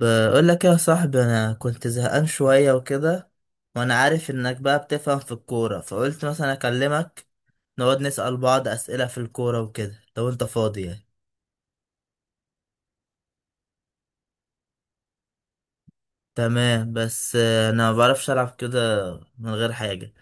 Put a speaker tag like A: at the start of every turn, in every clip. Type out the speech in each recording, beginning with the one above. A: بقول لك يا صاحبي، انا كنت زهقان شويه وكده. وانا عارف انك بقى بتفهم في الكوره، فقلت مثلا اكلمك نقعد نسأل بعض اسئله في الكوره وكده لو انت فاضي يعني. تمام، بس انا ما بعرفش العب كده من غير حاجه.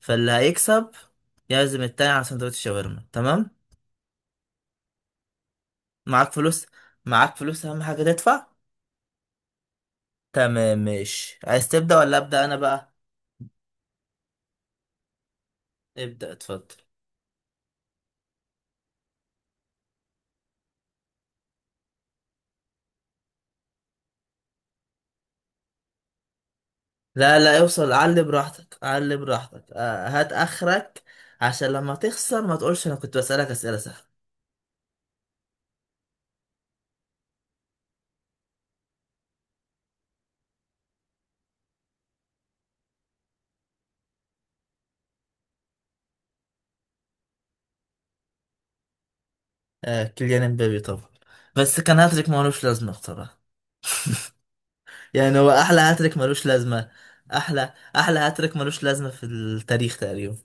A: فاللي هيكسب يعزم التاني على سندوتش شاورما. تمام؟ معاك فلوس؟ معاك فلوس اهم حاجه تدفع. تمام ماشي. عايز تبدأ ولا أبدأ انا بقى؟ ابدأ، اتفضل. لا لا، اوصل علي براحتك، علي براحتك. هات اخرك. عشان لما تخسر ما تقولش انا كنت بسألك اسئلة سهلة. آه، كيليان امبابي طبعا. بس كان هاتريك ملوش لازمة بصراحة. يعني هو احلى هاتريك ملوش لازمة. احلى احلى هاتريك ملوش لازمة في التاريخ تقريبا.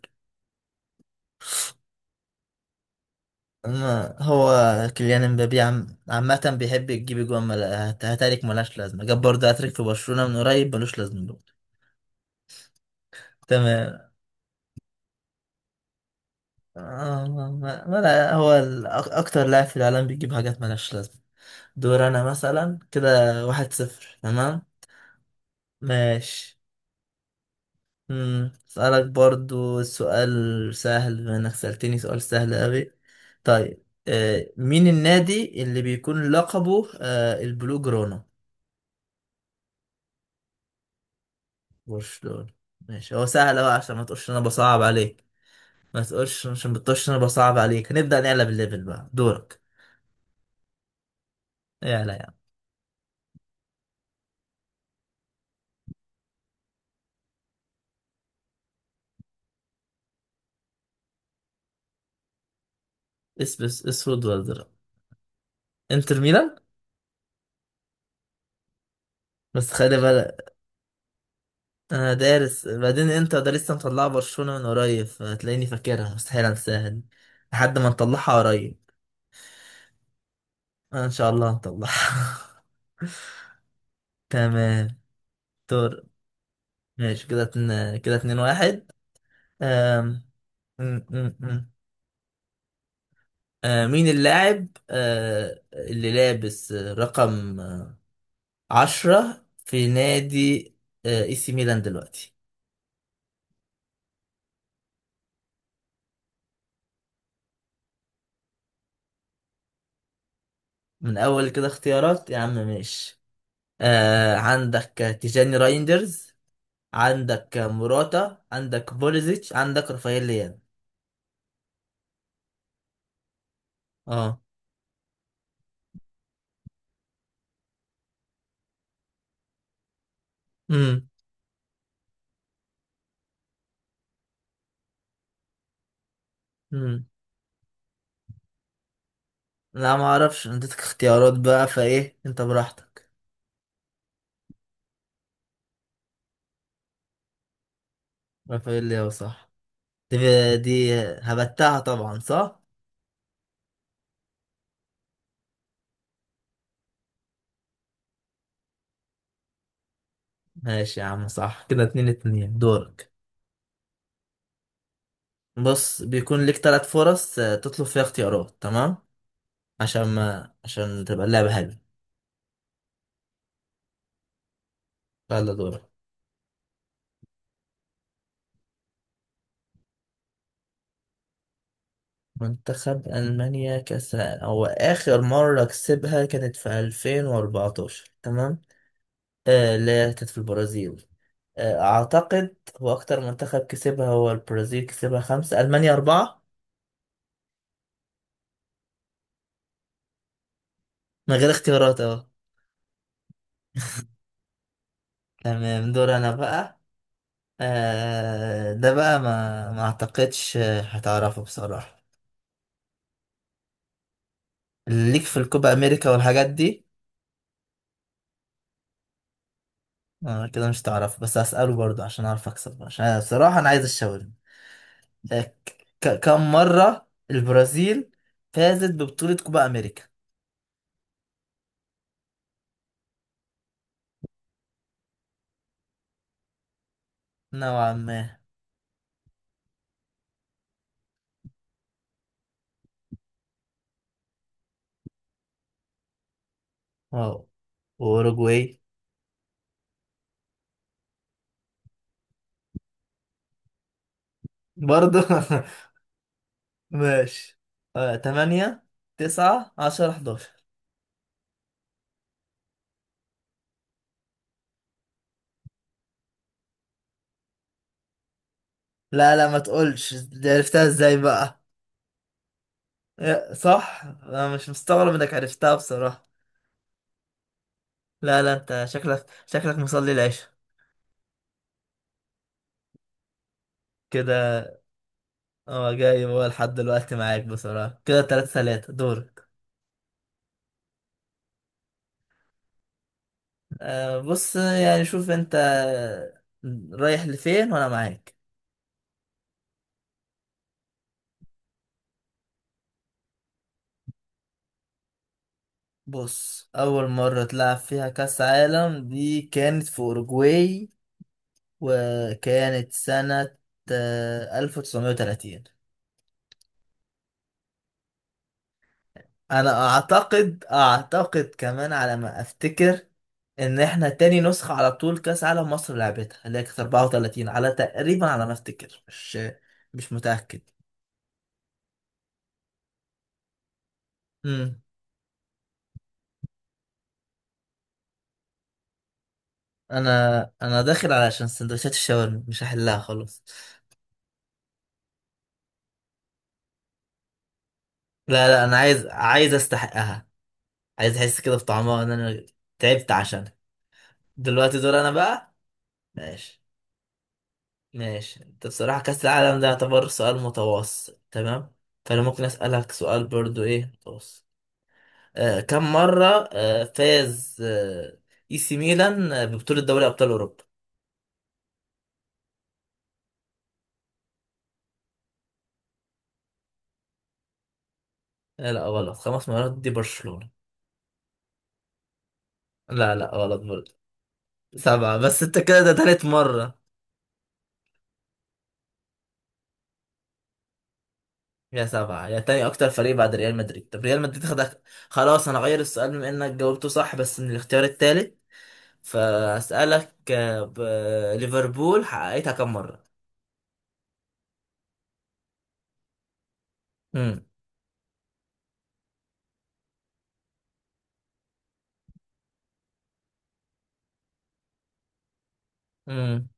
A: أما هو كيليان امبابي عامة بيحب يجيب هاتريك ملهاش لازمة. جاب برضه هاتريك في برشلونة من قريب ملوش لازمة برضه. تمام. آه، ما... ما... ما... هو أكتر لاعب في العالم بيجيب حاجات ملهاش لازمة. دور انا مثلا كده. 1-0. تمام ماشي. اسألك برضو سؤال سهل بما انك سألتني سؤال سهل اوي. طيب، مين النادي اللي بيكون لقبه البلو جرونا؟ برشلونة. ماشي، هو سهل اوي عشان ما تقولش إن انا بصعب عليك. ما تقولش، عشان بتقولش إن انا بصعب عليك هنبدأ نقلب الليفل. بقى دورك. يلا يا عم. اسبس اسود ولا درا. انتر ميلان. بس خلي بالك، انا دارس. بعدين انت ده لسه مطلعه برشلونة من قريب، فتلاقيني فاكرها، مستحيل انساها دي لحد ما نطلعها قريب. انا ان شاء الله هنطلعها. تمام. دور. ماشي، كده اتنين، كده اتنين واحد. أم... أم... أم... أم. مين اللاعب اللي لابس رقم عشرة في نادي اي سي ميلان دلوقتي؟ من اول كده اختيارات؟ يا عم ماشي. عندك تيجاني رايندرز، عندك موراتا، عندك بوليزيتش، عندك رافائيل ليان. اه. امم امم لا ما اعرفش، اديتك اختيارات بقى فايه، انت براحتك. رافائيل ليان صح. دي, دي هبتها طبعا صح. ماشي يا عم، صح. كده اتنين اتنين. دورك. بص، بيكون ليك تلات فرص تطلب فيها اختيارات، تمام؟ عشان ما عشان تبقى اللعبة حلوة. يلا دورك. منتخب ألمانيا كأس. هو آخر مرة كسبها كانت في 2014، تمام. آه لا، كانت في البرازيل. آه، أعتقد هو أكتر منتخب كسبها هو البرازيل، كسبها خمسة، ألمانيا أربعة. من غير اختيارات أهو. تمام، دور أنا بقى. آه، ده بقى ما أعتقدش هتعرفه بصراحة. ليك في الكوبا أمريكا والحاجات دي. آه كده مش هتعرفه، بس هسأله برضه عشان أعرف أكسب، عشان أنا بصراحة أنا عايز الشاورما. كم مرة البرازيل فازت ببطولة كوبا أمريكا؟ نوعا ما. واو. وأوروجواي. برضه. ماشي، تمانية، تسعة، عشرة، 11. لا لا، ما تقولش دي عرفتها ازاي بقى. صح، انا مش مستغرب انك عرفتها بصراحة. لا لا، انت شكلك مصلي العشاء. كده. اه، جاي هو لحد دلوقتي معاك بصراحة. كده تلاتة تلاتة. دورك. أه، بص، يعني شوف انت رايح لفين وانا معاك. بص، اول مرة تلعب فيها كاس عالم دي كانت في اوروجواي، وكانت سنة 1930. أنا أعتقد، كمان على ما أفتكر، إن إحنا تاني نسخة على طول كأس عالم مصر لعبتها، اللي هي كانت 34 على تقريبا، على ما أفتكر، مش مش متأكد. مم. أنا أنا داخل علشان سندوتشات الشاورما، مش هحلها خلاص. لا لا، أنا عايز أستحقها. عايز أحس كده بطعمها، إن أنا تعبت عشانها. دلوقتي دور أنا بقى. ماشي. ماشي، انت بصراحة كأس العالم ده يعتبر سؤال متوسط تمام. فأنا ممكن أسألك سؤال برضو إيه متوسط. كم مرة فاز إي سي ميلان ببطولة دوري أبطال أوروبا؟ آه لا، غلط، خمس مرات دي برشلونة. لا لا غلط برضو. سبعة. بس أنت كده ده تالت مرة. يا سبعة يا تاني أكتر فريق بعد ريال مدريد. طب ريال مدريد خدك. خلاص، أنا غير السؤال بما إنك جاوبته صح، بس من الاختيار التالت. فأسألك ليفربول حققتها كم مرة؟ مم. امم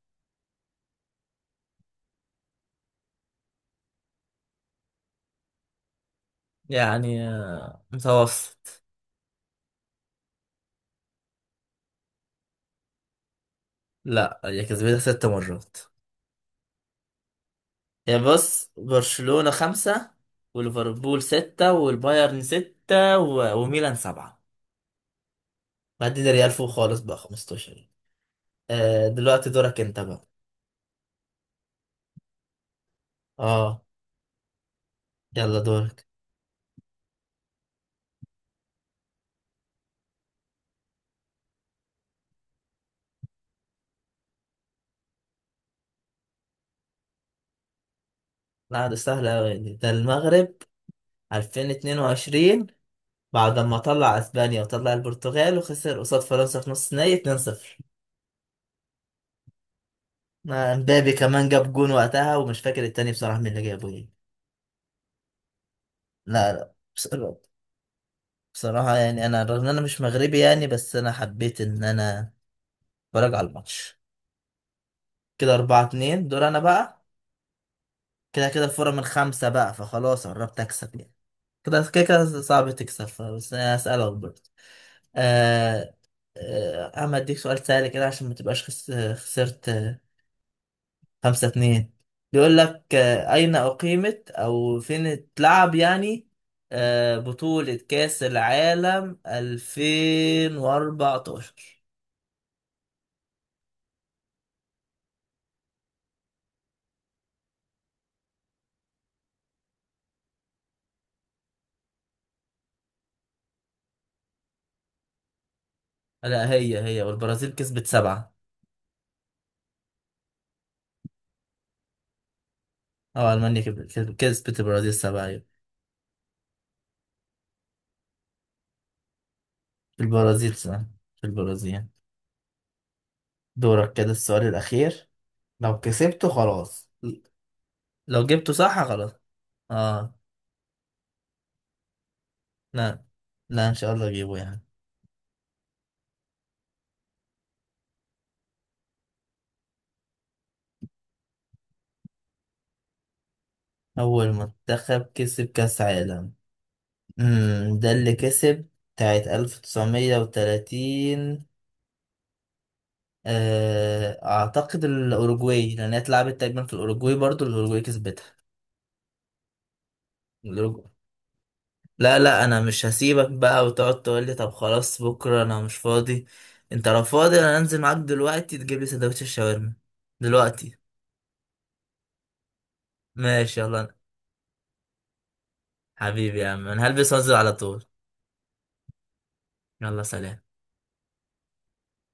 A: يعني، متوسط. لا، هي كسبتها ست مرات. هي بص، برشلونة خمسة، وليفربول ستة، والبايرن ستة، وميلان سبعة. بعدين ريال فوق خالص بقى 15. آه دلوقتي دورك انت بقى. اه. يلا دورك. لا، ده سهل اوي دي. ده المغرب 2022، بعد ما طلع اسبانيا وطلع البرتغال، وخسر قصاد فرنسا في نص نهائي 2-0. مبابي كمان جاب جون وقتها، ومش فاكر التاني بصراحة مين اللي جابه. لا لا بصراحة, يعني أنا رغم إن أنا مش مغربي يعني، بس أنا حبيت إن أنا أتفرج على الماتش. كده أربعة اتنين، دور أنا بقى. كده كده الفورة من خمسة بقى، فخلاص قربت أكسب يعني. كده كده كده صعب تكسب، بس أنا هسألك برضه. آه آه، أما أديك سؤال سهل كده عشان ما تبقاش خسرت خمسة اتنين. بيقول لك أين أقيمت، أو فين اتلعب يعني، بطولة كأس العالم 2014؟ لا، هي والبرازيل كسبت سبعة. أو ألمانيا كسبت البرازيل سبعة. أيوة. في البرازيل سبعة. في البرازيل. دورك، كده السؤال الأخير، لو كسبته خلاص، لو جبته صح خلاص. اه. لا لا، إن شاء الله أجيبه يعني. أول منتخب كسب كأس عالم. ده اللي كسب بتاعت 1930. آه، أعتقد الأوروجواي، لأن هي اتلعبت تقريبا في الأوروجواي، برضو الأوروجواي كسبتها. الأوروجواي. لا لا، أنا مش هسيبك بقى وتقعد تقول لي طب خلاص بكرة أنا مش فاضي. أنت لو فاضي أنا أنزل معاك دلوقتي تجيب لي سندوتش الشاورما دلوقتي. ماشي، يلا. حبيبي يا عم، أنا هلبس وأنزل على طول. يلا سلام.